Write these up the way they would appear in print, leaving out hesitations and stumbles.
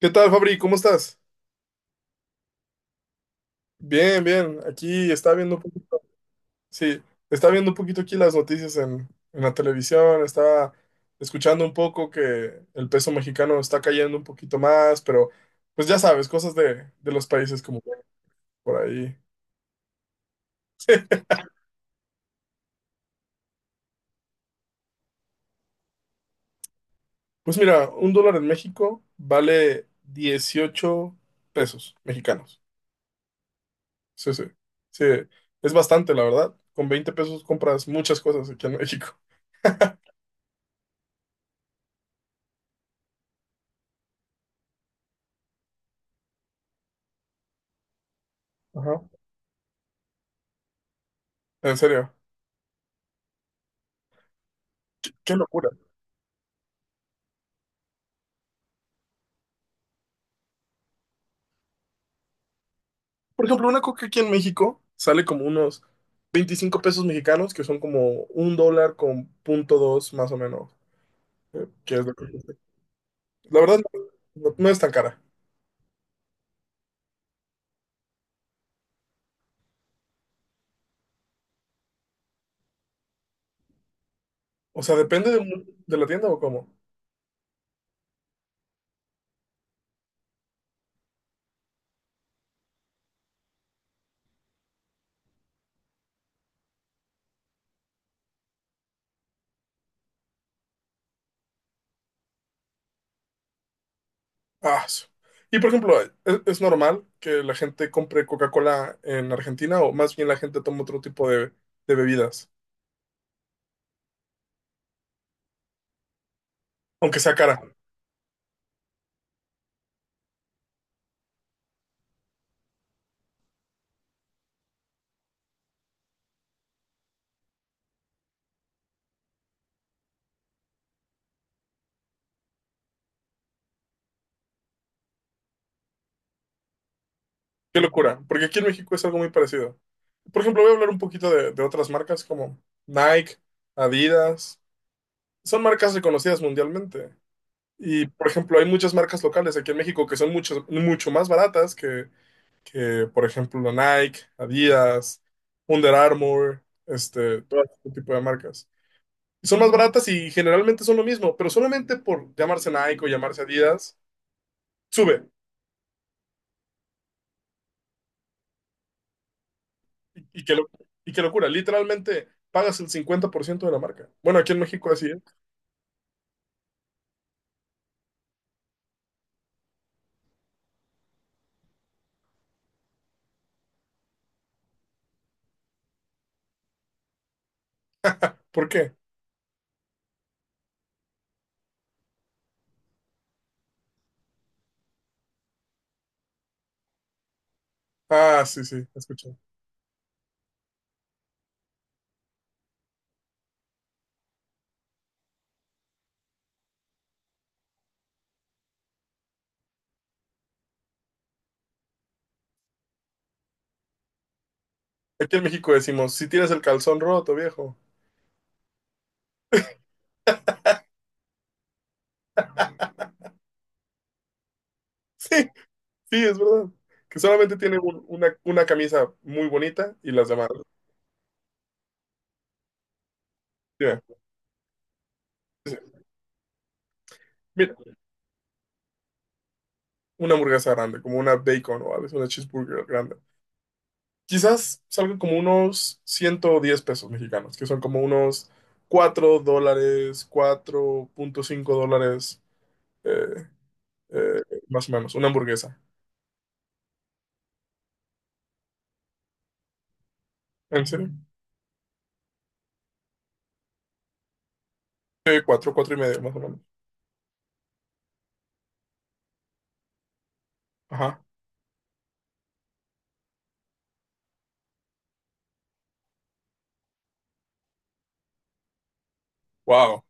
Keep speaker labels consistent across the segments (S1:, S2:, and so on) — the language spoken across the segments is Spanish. S1: ¿Qué tal, Fabri? ¿Cómo estás? Bien, bien. Aquí está viendo un poquito. Sí, está viendo un poquito aquí las noticias en la televisión. Estaba escuchando un poco que el peso mexicano está cayendo un poquito más, pero pues ya sabes, cosas de los países como que por ahí. Pues mira, un dólar en México vale 18 pesos mexicanos. Sí, sí. Sí, es bastante, la verdad. Con 20 pesos compras muchas cosas aquí en México. Ajá. En serio. Qué locura. Por ejemplo, una coca aquí en México sale como unos 25 pesos mexicanos, que son como un dólar con punto dos más o menos, que es lo que cuesta. La verdad, no es tan cara. O sea, depende de la tienda o cómo. Ah, su- Y por ejemplo, ¿Es normal que la gente compre Coca-Cola en Argentina o más bien la gente toma otro tipo de bebidas, aunque sea cara? Qué locura, porque aquí en México es algo muy parecido. Por ejemplo, voy a hablar un poquito de otras marcas como Nike, Adidas. Son marcas reconocidas mundialmente. Y, por ejemplo, hay muchas marcas locales aquí en México que son mucho, mucho más baratas que, por ejemplo, Nike, Adidas, Under Armour, todo este tipo de marcas. Y son más baratas y generalmente son lo mismo, pero solamente por llamarse Nike o llamarse Adidas, sube. Y, y qué, lo- y qué locura, literalmente pagas el 50% de la marca. Bueno, aquí en México así es. ¿Por qué? Ah, sí, sí, escuché. Aquí en México decimos, si tienes el calzón roto, viejo. Sí, es verdad. Que solamente tiene una camisa muy bonita y las demás. Dime, dice, mira, una hamburguesa grande, como una bacon o a veces una cheeseburger grande. Quizás salgan como unos 110 pesos mexicanos, que son como unos $4, 4.5 dólares, eh, eh, más o menos, una hamburguesa. ¿En serio? Sí, cuatro 4 y medio, más o menos. Ajá. Wow.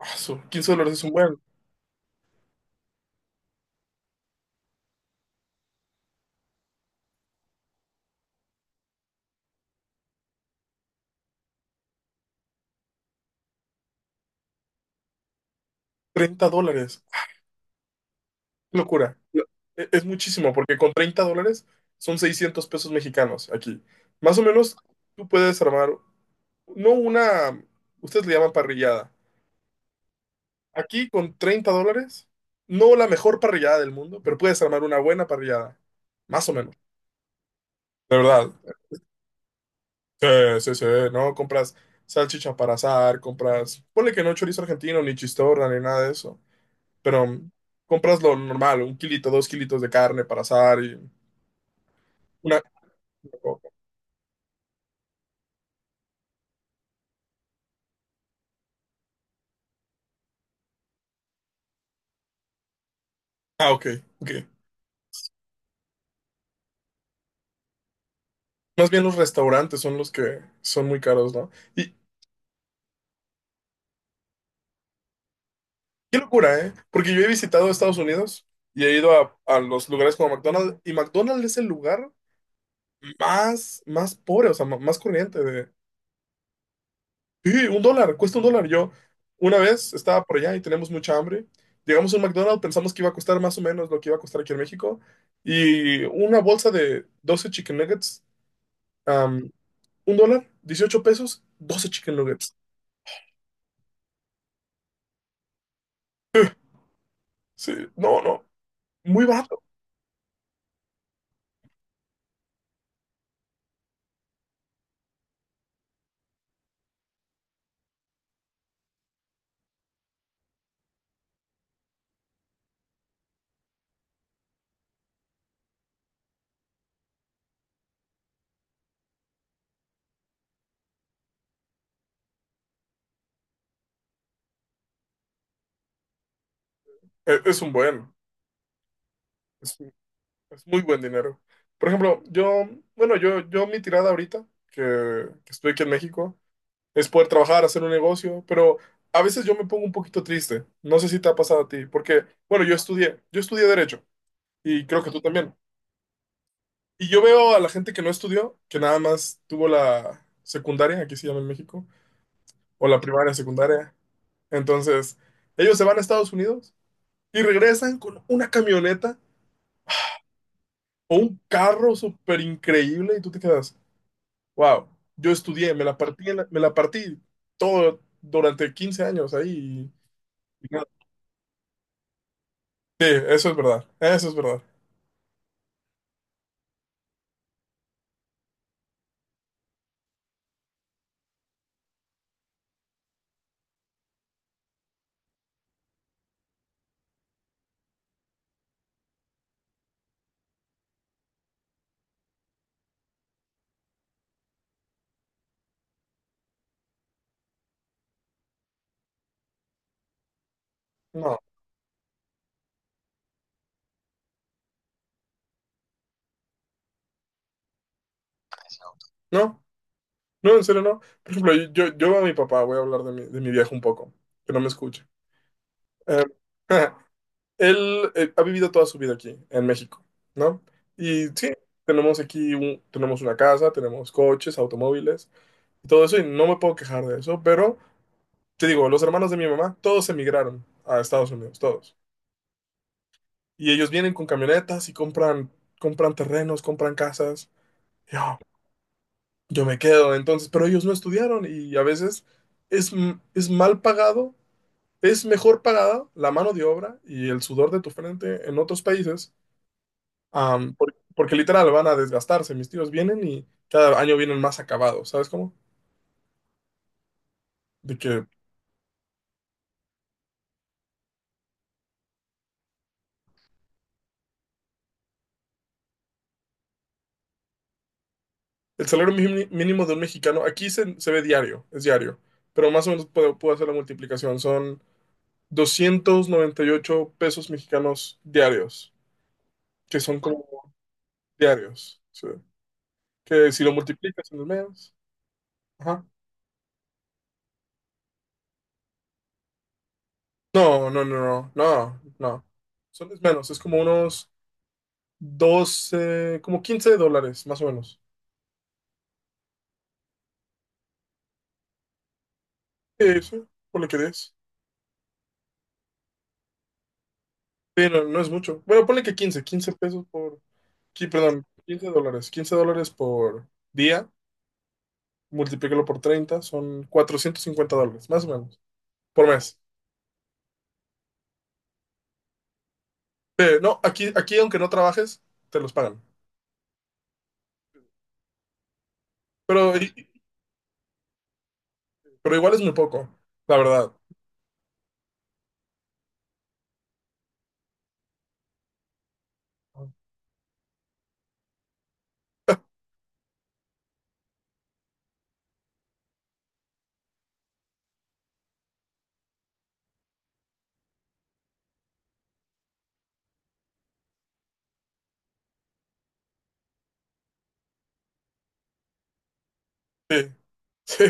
S1: Asu, $15 es un buen. $30. Locura. Es muchísimo, porque con $30 son 600 pesos mexicanos aquí. Más o menos, tú puedes armar, no una, ustedes le llaman parrillada. Aquí con $30, no la mejor parrillada del mundo, pero puedes armar una buena parrillada. Más o menos. De verdad. Sí, sí, sí, ¿no? Compras salchicha para asar, compras, ponle que no chorizo argentino, ni chistorra, ni nada de eso. Pero compras lo normal, un kilito, dos kilitos de carne para asar y una... Ah, ok, ok. Más bien los restaurantes son los que son muy caros, ¿no? Y qué locura, ¿eh? Porque yo he visitado Estados Unidos y he ido a los lugares como McDonald's y McDonald's es el lugar más, más pobre, o sea, más corriente de... Sí, un dólar, cuesta un dólar. Yo una vez estaba por allá y teníamos mucha hambre. Llegamos a un McDonald's, pensamos que iba a costar más o menos lo que iba a costar aquí en México. Y una bolsa de 12 chicken nuggets, am, un dólar, 18 pesos, 12 chicken nuggets. Sí, no, no. Muy barato. Es un buen, es, es muy buen dinero. Por ejemplo, bueno, yo mi tirada ahorita, que estoy aquí en México, es poder trabajar, hacer un negocio, pero a veces yo me pongo un poquito triste. No sé si te ha pasado a ti, porque, bueno, yo estudié Derecho y creo que tú también. Y yo veo a la gente que no estudió, que nada más tuvo la secundaria, aquí se llama en México, o la primaria, secundaria. Entonces, ellos se van a Estados Unidos y regresan con una camioneta o un carro súper increíble y tú te quedas, wow, yo estudié, me la partí todo durante 15 años ahí. Y nada". Sí, eso es verdad, eso es verdad. No, no, no, en serio no. Por ejemplo, yo a mi papá voy a hablar de mi viejo un poco, que no me escuche. Eh, él ha vivido toda su vida aquí, en México, ¿no? Y sí, tenemos aquí, tenemos una casa, tenemos coches, automóviles, y todo eso, y no me puedo quejar de eso, pero... Te digo, los hermanos de mi mamá, todos emigraron a Estados Unidos, todos. Y ellos vienen con camionetas y compran, terrenos, compran casas. Yo, yo me quedo, entonces, pero ellos no estudiaron y a veces es mal pagado, es mejor pagada la mano de obra y el sudor de tu frente en otros países, porque literal van a desgastarse. Mis tíos vienen y cada año vienen más acabados, ¿sabes cómo? De que. El salario mínimo de un mexicano, aquí se ve diario, es diario, pero más o menos puedo hacer la multiplicación. Son 298 pesos mexicanos diarios, que son como diarios. Sí. Que si lo multiplicas en el mes. Ajá. No, no, no, no, no, no. Son es menos, es como unos 12 como $15, más o menos. Sí, sí, ponle que 10. Sí, no, no es mucho. Bueno, ponle que quince pesos por... Sí, perdón, $15, $15 por día multiplícalo por 30 son $450, más o menos, por mes. No, aquí aunque no trabajes, te los pagan. Pero, pero igual es muy poco, la verdad. Sí, sí,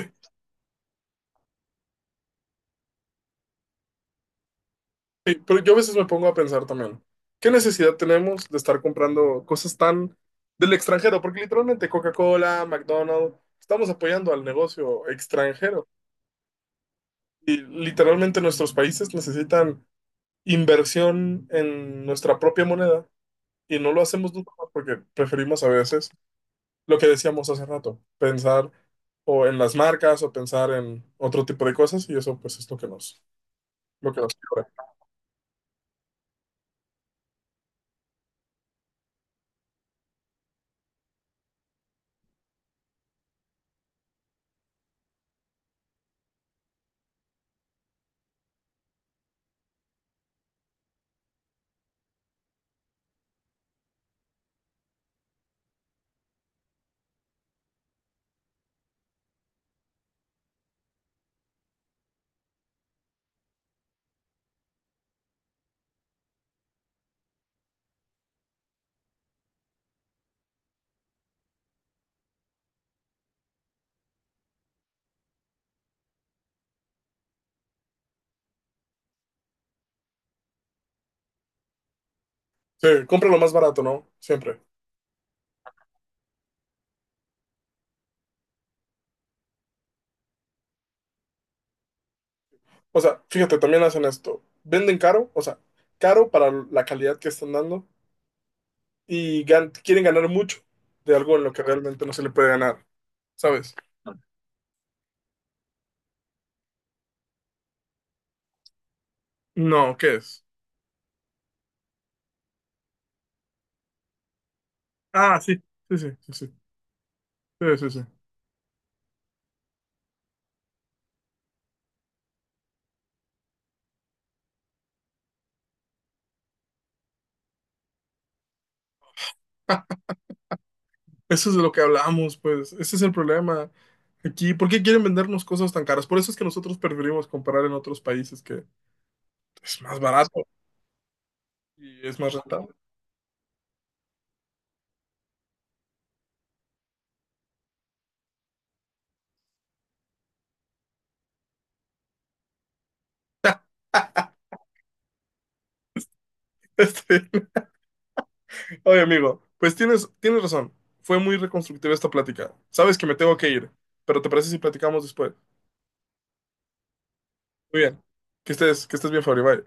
S1: sí. Pero yo a veces me pongo a pensar también, ¿qué necesidad tenemos de estar comprando cosas tan del extranjero? Porque literalmente Coca-Cola, McDonald's, estamos apoyando al negocio extranjero. Y literalmente nuestros países necesitan inversión en nuestra propia moneda. Y no lo hacemos nunca más porque preferimos a veces lo que decíamos hace rato, pensar o en las marcas o pensar en otro tipo de cosas y eso pues es lo que nos, quiebra. Sí, compra lo más barato, ¿no? Siempre. O sea, fíjate, también hacen esto. Venden caro, o sea, caro para la calidad que están dando y quieren ganar mucho de algo en lo que realmente no se le puede ganar, ¿sabes? No, ¿qué es? Ah, sí, sí, sí, sí, sí, sí, sí, sí. Eso es de lo que hablamos, pues. Ese es el problema aquí. ¿Por qué quieren vendernos cosas tan caras? Por eso es que nosotros preferimos comprar en otros países que es más barato y es más rentable. Este, oye, amigo, pues tienes razón. Fue muy reconstructiva esta plática. Sabes que me tengo que ir, pero ¿te parece si platicamos después? Muy bien. Que estés bien, Fabri. Bye.